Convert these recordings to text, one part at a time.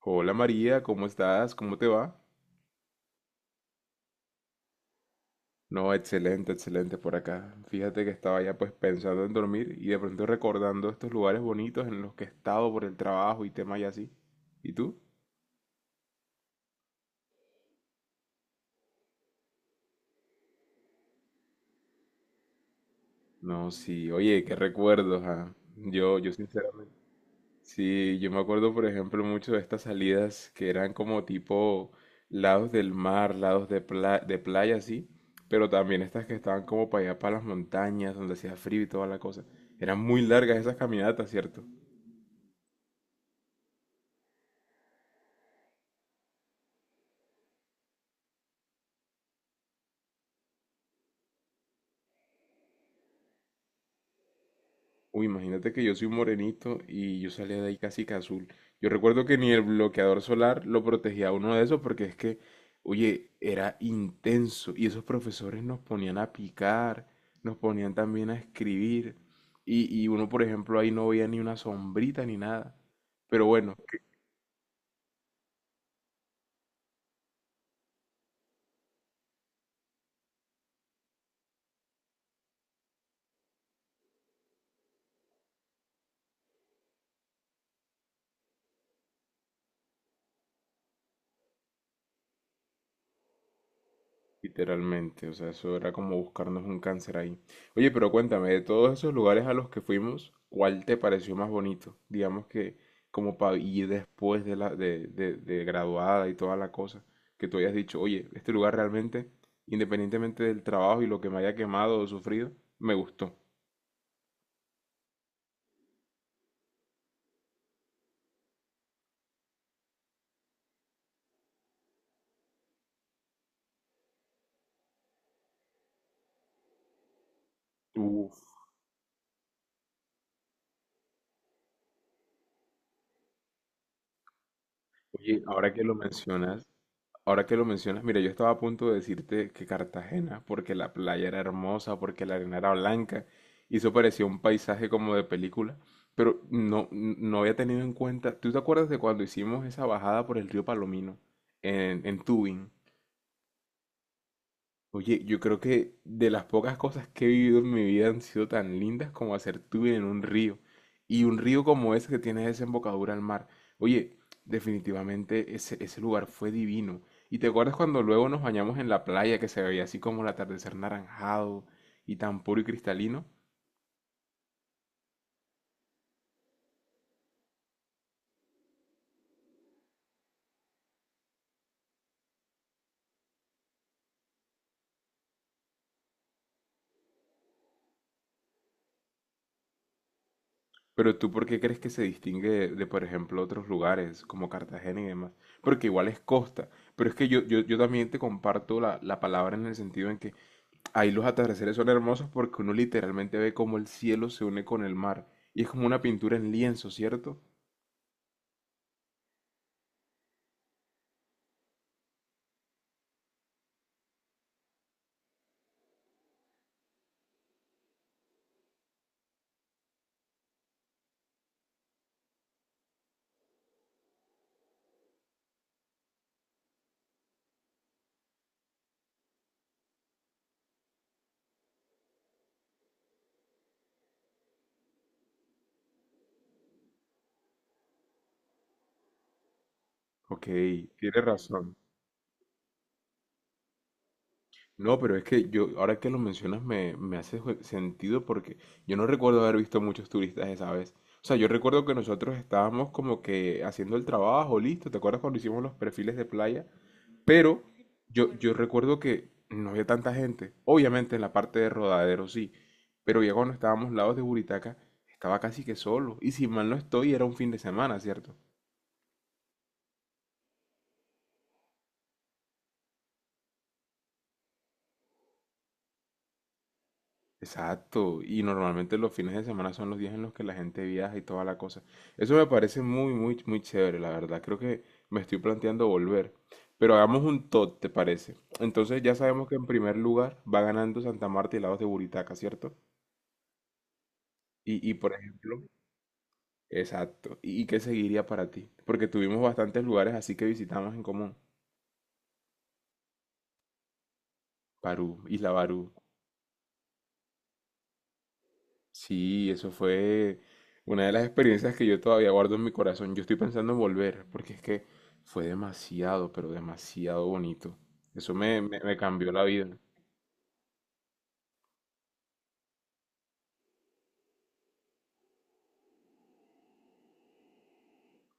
Hola María, ¿cómo estás? ¿Cómo te va? No, excelente, excelente por acá. Fíjate que estaba ya pues pensando en dormir y de pronto recordando estos lugares bonitos en los que he estado por el trabajo y temas y así. ¿Y tú? No, sí, oye, qué recuerdos, ah. Yo sinceramente. Sí, yo me acuerdo por ejemplo mucho de estas salidas que eran como tipo lados del mar, lados de playa, así, pero también estas que estaban como para allá, para las montañas, donde hacía frío y toda la cosa. Eran muy largas esas caminatas, ¿cierto? Uy, imagínate que yo soy un morenito y yo salía de ahí casi que azul. Yo recuerdo que ni el bloqueador solar lo protegía a uno de esos porque es que, oye, era intenso y esos profesores nos ponían a picar, nos ponían también a escribir y uno, por ejemplo, ahí no veía ni una sombrita ni nada. Pero bueno, literalmente, o sea, eso era como buscarnos un cáncer ahí. Oye, pero cuéntame, de todos esos lugares a los que fuimos, ¿cuál te pareció más bonito? Digamos que como para ir después de la de graduada y toda la cosa, que tú hayas dicho, oye, este lugar realmente, independientemente del trabajo y lo que me haya quemado o sufrido, me gustó. Uf, oye, ahora que lo mencionas, ahora que lo mencionas, mira, yo estaba a punto de decirte que Cartagena, porque la playa era hermosa, porque la arena era blanca, y eso parecía un paisaje como de película, pero no, no había tenido en cuenta. ¿Tú te acuerdas de cuando hicimos esa bajada por el río Palomino en Tubing? Oye, yo creo que de las pocas cosas que he vivido en mi vida han sido tan lindas como hacer tubing en un río. Y un río como ese que tiene desembocadura al mar. Oye, definitivamente ese lugar fue divino. ¿Y te acuerdas cuando luego nos bañamos en la playa que se veía así como el atardecer naranjado y tan puro y cristalino? Pero tú, ¿por qué crees que se distingue de por ejemplo, otros lugares como Cartagena y demás? Porque igual es costa. Pero es que yo también te comparto la palabra en el sentido en que ahí los atardeceres son hermosos porque uno literalmente ve cómo el cielo se une con el mar. Y es como una pintura en lienzo, ¿cierto? Ok, tienes razón. No, pero es que yo, ahora que lo mencionas, me hace sentido porque yo no recuerdo haber visto muchos turistas esa vez. O sea, yo recuerdo que nosotros estábamos como que haciendo el trabajo, listo. ¿Te acuerdas cuando hicimos los perfiles de playa? Pero yo recuerdo que no había tanta gente. Obviamente en la parte de Rodadero sí, pero ya cuando estábamos lados de Buritaca, estaba casi que solo. Y si mal no estoy, era un fin de semana, ¿cierto? Exacto. Y normalmente los fines de semana son los días en los que la gente viaja y toda la cosa. Eso me parece muy, muy, muy chévere, la verdad. Creo que me estoy planteando volver. Pero hagamos un tot, ¿te parece? Entonces ya sabemos que en primer lugar va ganando Santa Marta y lados de Buritaca, ¿cierto? Y por ejemplo, exacto. ¿Y qué seguiría para ti? Porque tuvimos bastantes lugares así que visitamos en común. Barú, Isla Barú. Sí, eso fue una de las experiencias que yo todavía guardo en mi corazón. Yo estoy pensando en volver, porque es que fue demasiado, pero demasiado bonito. Eso me cambió la vida.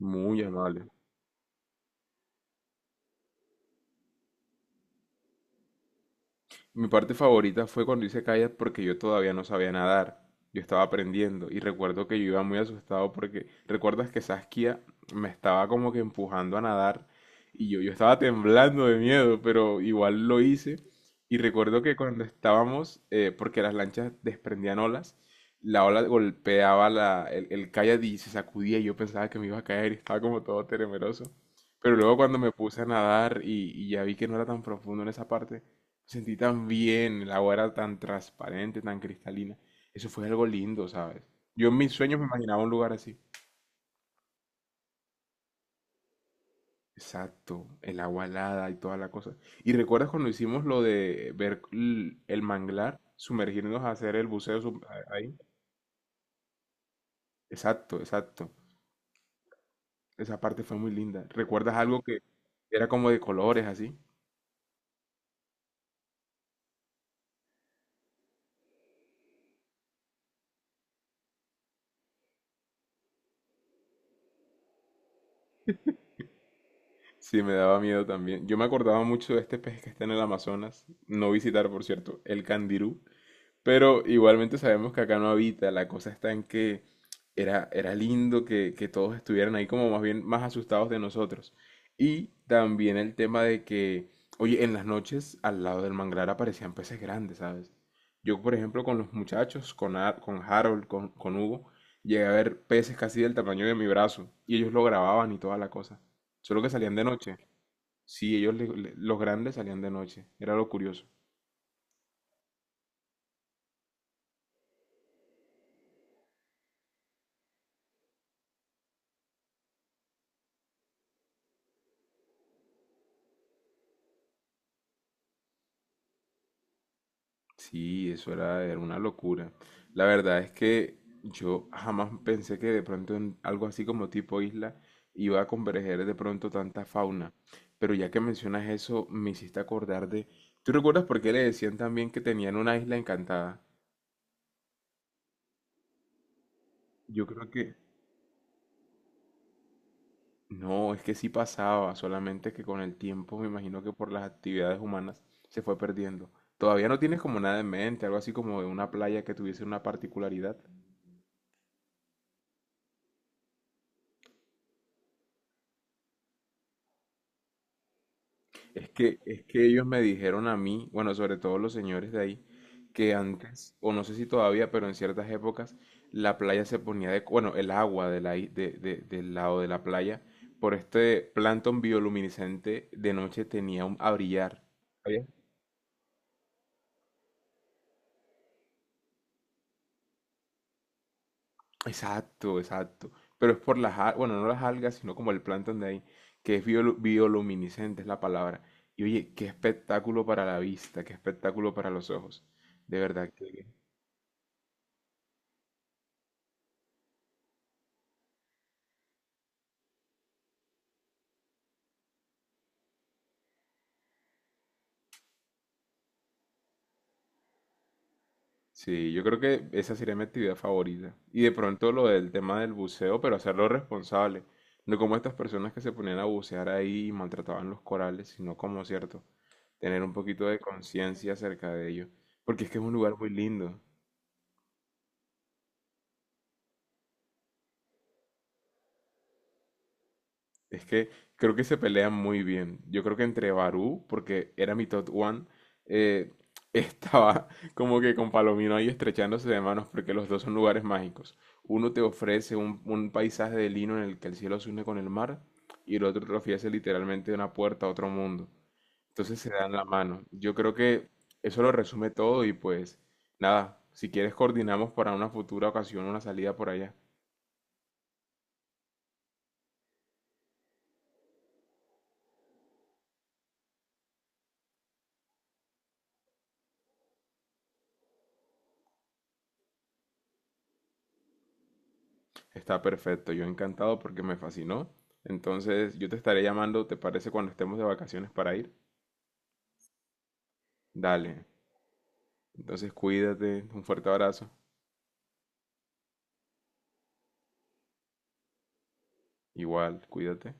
Muy amable. Mi parte favorita fue cuando hice kayak porque yo todavía no sabía nadar. Yo estaba aprendiendo y recuerdo que yo iba muy asustado porque recuerdas que Saskia me estaba como que empujando a nadar y yo estaba temblando de miedo, pero igual lo hice. Y recuerdo que cuando estábamos, porque las lanchas desprendían olas, la ola golpeaba el kayak y se sacudía y yo pensaba que me iba a caer y estaba como todo temeroso. Pero luego cuando me puse a nadar y ya vi que no era tan profundo en esa parte, sentí tan bien, el agua era tan transparente, tan cristalina. Eso fue algo lindo, ¿sabes? Yo en mis sueños me imaginaba un lugar así. Exacto, el agua helada y toda la cosa. ¿Y recuerdas cuando hicimos lo de ver el manglar, sumergirnos a hacer el buceo ahí? Exacto, exacto. Esa parte fue muy linda. ¿Recuerdas algo que era como de colores así? Sí, me daba miedo también. Yo me acordaba mucho de este pez que está en el Amazonas. No visitar, por cierto, el candirú. Pero igualmente sabemos que acá no habita, la cosa está en que era, era lindo que todos estuvieran ahí como más bien más asustados de nosotros. Y también el tema de que, oye, en las noches al lado del manglar aparecían peces grandes, ¿sabes? Yo, por ejemplo, con los muchachos, con, con Harold, con Hugo, llegué a ver peces casi del tamaño de mi brazo y ellos lo grababan y toda la cosa. Solo que salían de noche. Sí, ellos, los grandes salían de noche. Era lo curioso. Sí, eso era, era una locura. La verdad es que yo jamás pensé que de pronto en algo así como tipo isla iba a converger de pronto tanta fauna. Pero ya que mencionas eso, me hiciste acordar de... ¿Tú recuerdas por qué le decían también que tenían una isla encantada? Yo creo que... No, es que sí pasaba, solamente que con el tiempo me imagino que por las actividades humanas se fue perdiendo. ¿Todavía no tienes como nada en mente, algo así como de una playa que tuviese una particularidad? Es que ellos me dijeron a mí, bueno, sobre todo los señores de ahí, que antes, o no sé si todavía, pero en ciertas épocas, la playa se ponía de, bueno, el agua de del lado de la playa, por este plancton bioluminiscente de noche tenía un, a brillar. ¿Sabías? Exacto, exacto. Pero es por las, bueno, no las algas, sino como el plancton de ahí, que es bioluminiscente, es la palabra. Y oye, qué espectáculo para la vista, qué espectáculo para los ojos. De verdad, sí, yo creo que esa sería mi actividad favorita. Y de pronto lo del tema del buceo, pero hacerlo responsable. No como estas personas que se ponían a bucear ahí y maltrataban los corales, sino como, cierto, tener un poquito de conciencia acerca de ello. Porque es que es un lugar muy lindo. Es que creo que se pelean muy bien. Yo creo que entre Barú, porque era mi top one, eh, estaba como que con Palomino ahí estrechándose de manos, porque los dos son lugares mágicos. Uno te ofrece un paisaje de lino en el que el cielo se une con el mar, y el otro te ofrece literalmente una puerta a otro mundo. Entonces se dan la mano. Yo creo que eso lo resume todo y pues nada, si quieres coordinamos para una futura ocasión una salida por allá. Está perfecto, yo encantado porque me fascinó. Entonces, yo te estaré llamando, ¿te parece cuando estemos de vacaciones para ir? Dale. Entonces, cuídate, un fuerte abrazo. Igual, cuídate.